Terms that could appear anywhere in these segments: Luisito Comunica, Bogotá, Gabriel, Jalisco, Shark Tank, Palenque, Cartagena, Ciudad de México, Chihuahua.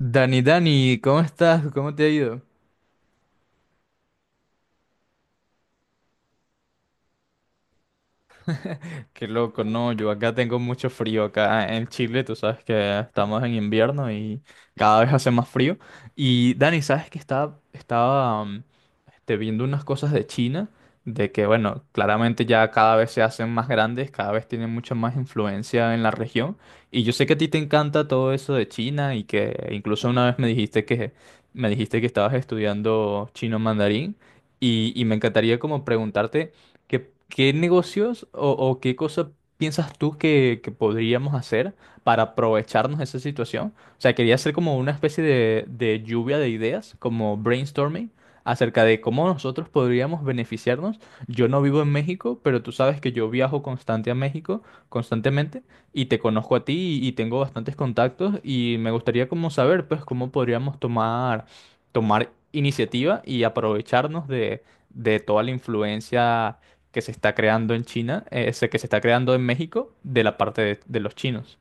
Dani, Dani, ¿cómo estás? ¿Cómo te ha ido? Qué loco, no, yo acá tengo mucho frío, acá en Chile. Tú sabes que estamos en invierno y cada vez hace más frío. Y Dani, sabes que viendo unas cosas de China, de que bueno, claramente ya cada vez se hacen más grandes, cada vez tienen mucha más influencia en la región. Y yo sé que a ti te encanta todo eso de China y que incluso una vez me dijiste me dijiste que estabas estudiando chino mandarín y me encantaría como preguntarte... ¿Qué negocios o qué cosa piensas tú que podríamos hacer para aprovecharnos de esa situación? O sea, quería hacer como una especie de lluvia de ideas, como brainstorming, acerca de cómo nosotros podríamos beneficiarnos. Yo no vivo en México, pero tú sabes que yo viajo constante a México, constantemente, y te conozco a ti y tengo bastantes contactos y me gustaría como saber, pues, cómo tomar iniciativa y aprovecharnos de toda la influencia que se está creando en China, ese que se está creando en México, de la parte de los chinos.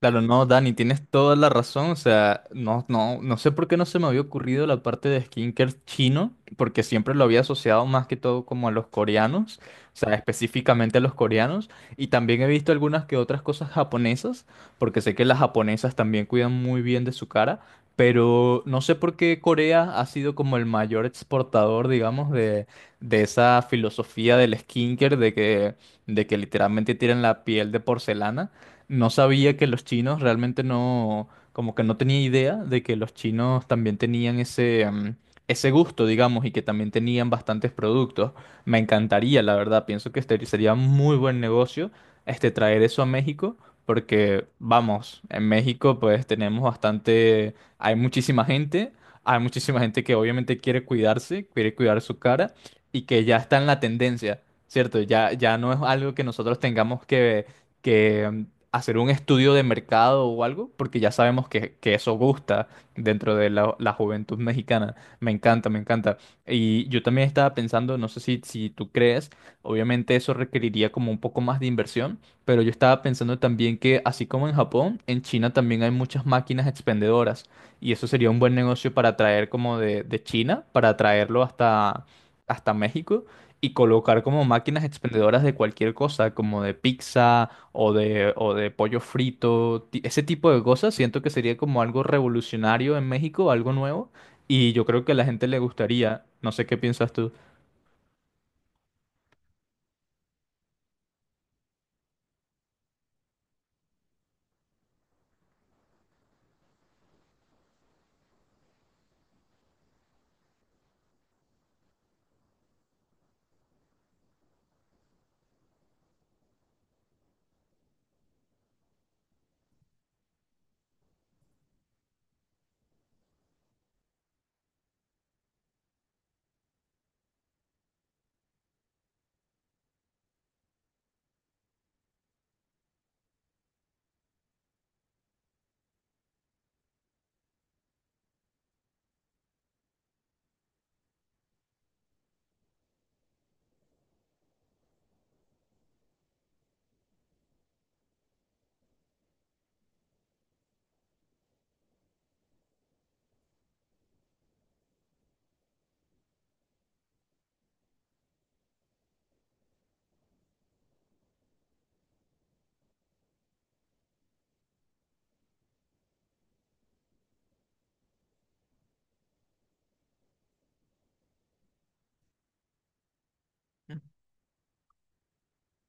Claro, no, Dani, tienes toda la razón. O sea, no sé por qué no se me había ocurrido la parte de skincare chino, porque siempre lo había asociado más que todo como a los coreanos, o sea, específicamente a los coreanos. Y también he visto algunas que otras cosas japonesas, porque sé que las japonesas también cuidan muy bien de su cara, pero no sé por qué Corea ha sido como el mayor exportador, digamos, de esa filosofía del skincare, de que literalmente tienen la piel de porcelana. No sabía que los chinos realmente no, como que no tenía idea de que los chinos también tenían ese gusto, digamos, y que también tenían bastantes productos. Me encantaría, la verdad, pienso que este sería muy buen negocio, este, traer eso a México, porque, vamos, en México pues tenemos bastante, hay muchísima gente que obviamente quiere cuidarse, quiere cuidar su cara y que ya está en la tendencia, ¿cierto? Ya, ya no es algo que nosotros tengamos que hacer un estudio de mercado o algo, porque ya sabemos que eso gusta dentro de la juventud mexicana. Me encanta, me encanta. Y yo también estaba pensando, no sé si tú crees, obviamente eso requeriría como un poco más de inversión, pero yo estaba pensando también que así como en Japón, en China también hay muchas máquinas expendedoras y eso sería un buen negocio para traer como de China, para traerlo hasta México. Y colocar como máquinas expendedoras de cualquier cosa, como de pizza, o de pollo frito, ese tipo de cosas, siento que sería como algo revolucionario en México, algo nuevo, y yo creo que a la gente le gustaría, no sé qué piensas tú.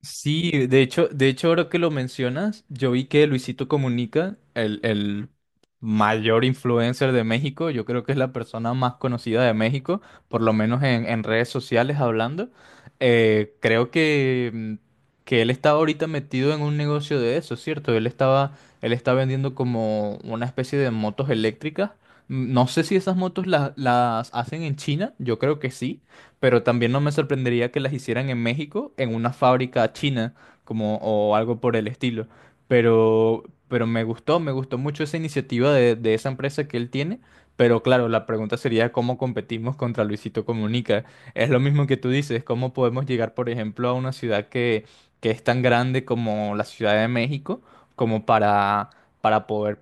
Sí, de hecho, ahora que lo mencionas, yo vi que Luisito Comunica, el mayor influencer de México, yo creo que es la persona más conocida de México, por lo menos en redes sociales hablando, eh, creo que, mm, que él estaba ahorita metido en un negocio de eso, ¿cierto? Él estaba, él está vendiendo como una especie de motos eléctricas. Mm, no sé si esas motos las hacen en China, yo creo que sí, pero también no me sorprendería que las hicieran en México, en una fábrica china, como, o algo por el estilo. Pero me gustó mucho esa iniciativa de esa empresa que él tiene. Pero claro, la pregunta sería cómo competimos contra Luisito Comunica. Es lo mismo que tú dices, cómo podemos llegar, por ejemplo, a una ciudad que es tan grande como la Ciudad de México, como para poder,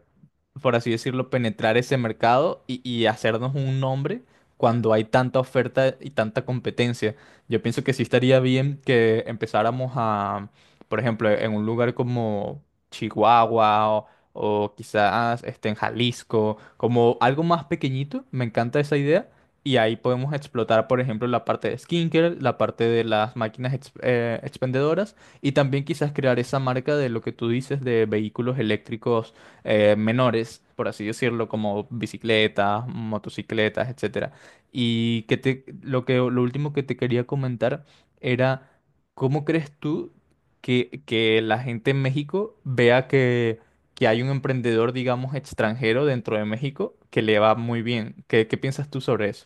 por así decirlo, penetrar ese mercado y hacernos un nombre cuando hay tanta oferta y tanta competencia. Yo pienso que sí estaría bien que empezáramos a, por ejemplo, en un lugar como Chihuahua o quizás este, en Jalisco, como algo más pequeñito. Me encanta esa idea. Y ahí podemos explotar, por ejemplo, la parte de skincare, la parte de las máquinas expendedoras y también quizás crear esa marca de lo que tú dices de vehículos eléctricos, menores, por así decirlo, como bicicletas, motocicletas, etcétera. Y que te, lo último que te quería comentar era, ¿cómo crees tú que la gente en México vea que hay un emprendedor, digamos, extranjero dentro de México que le va muy bien? ¿Qué piensas tú sobre eso?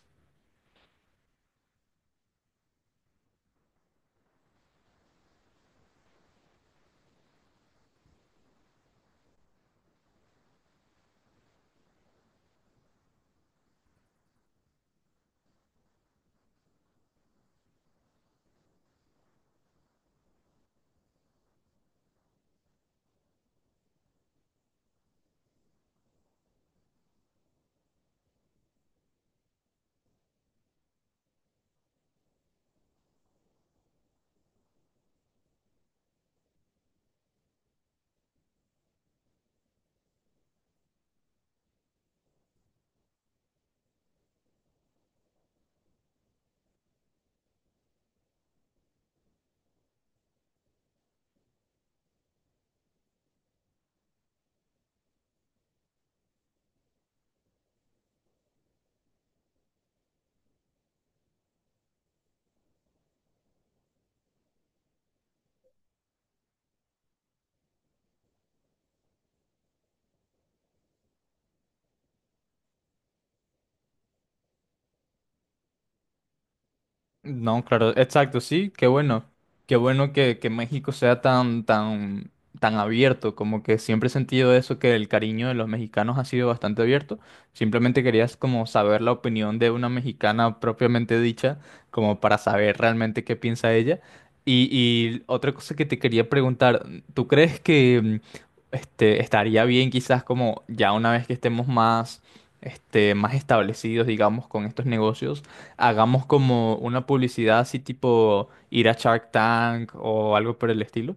No, claro, exacto, sí, qué bueno. Qué bueno que México sea tan abierto, como que siempre he sentido eso, que el cariño de los mexicanos ha sido bastante abierto. Simplemente querías como saber la opinión de una mexicana propiamente dicha, como para saber realmente qué piensa ella. Y otra cosa que te quería preguntar, ¿tú crees que estaría bien quizás como ya una vez que estemos más establecidos, digamos, con estos negocios? Hagamos como una publicidad así tipo ir a Shark Tank o algo por el estilo.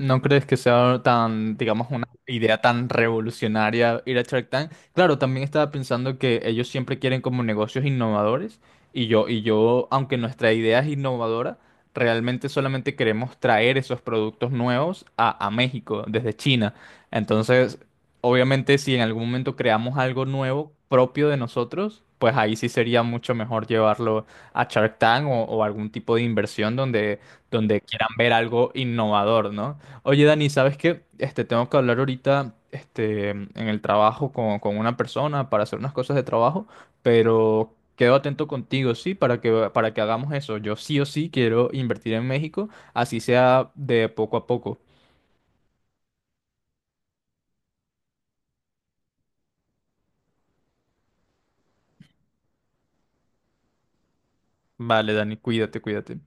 ¿No crees que sea tan, digamos, una idea tan revolucionaria ir a Shark Tank? Claro, también estaba pensando que ellos siempre quieren como negocios innovadores y yo, aunque nuestra idea es innovadora, realmente solamente queremos traer esos productos nuevos a México desde China. Entonces, obviamente, si en algún momento creamos algo nuevo propio de nosotros, pues ahí sí sería mucho mejor llevarlo a Shark Tank o algún tipo de inversión donde, donde quieran ver algo innovador, ¿no? Oye, Dani, ¿sabes qué? Este, tengo que hablar ahorita, este, en el trabajo con una persona para hacer unas cosas de trabajo, pero quedo atento contigo, sí, para que hagamos eso. Yo sí o sí quiero invertir en México, así sea de poco a poco. Vale, Dani, cuídate, cuídate.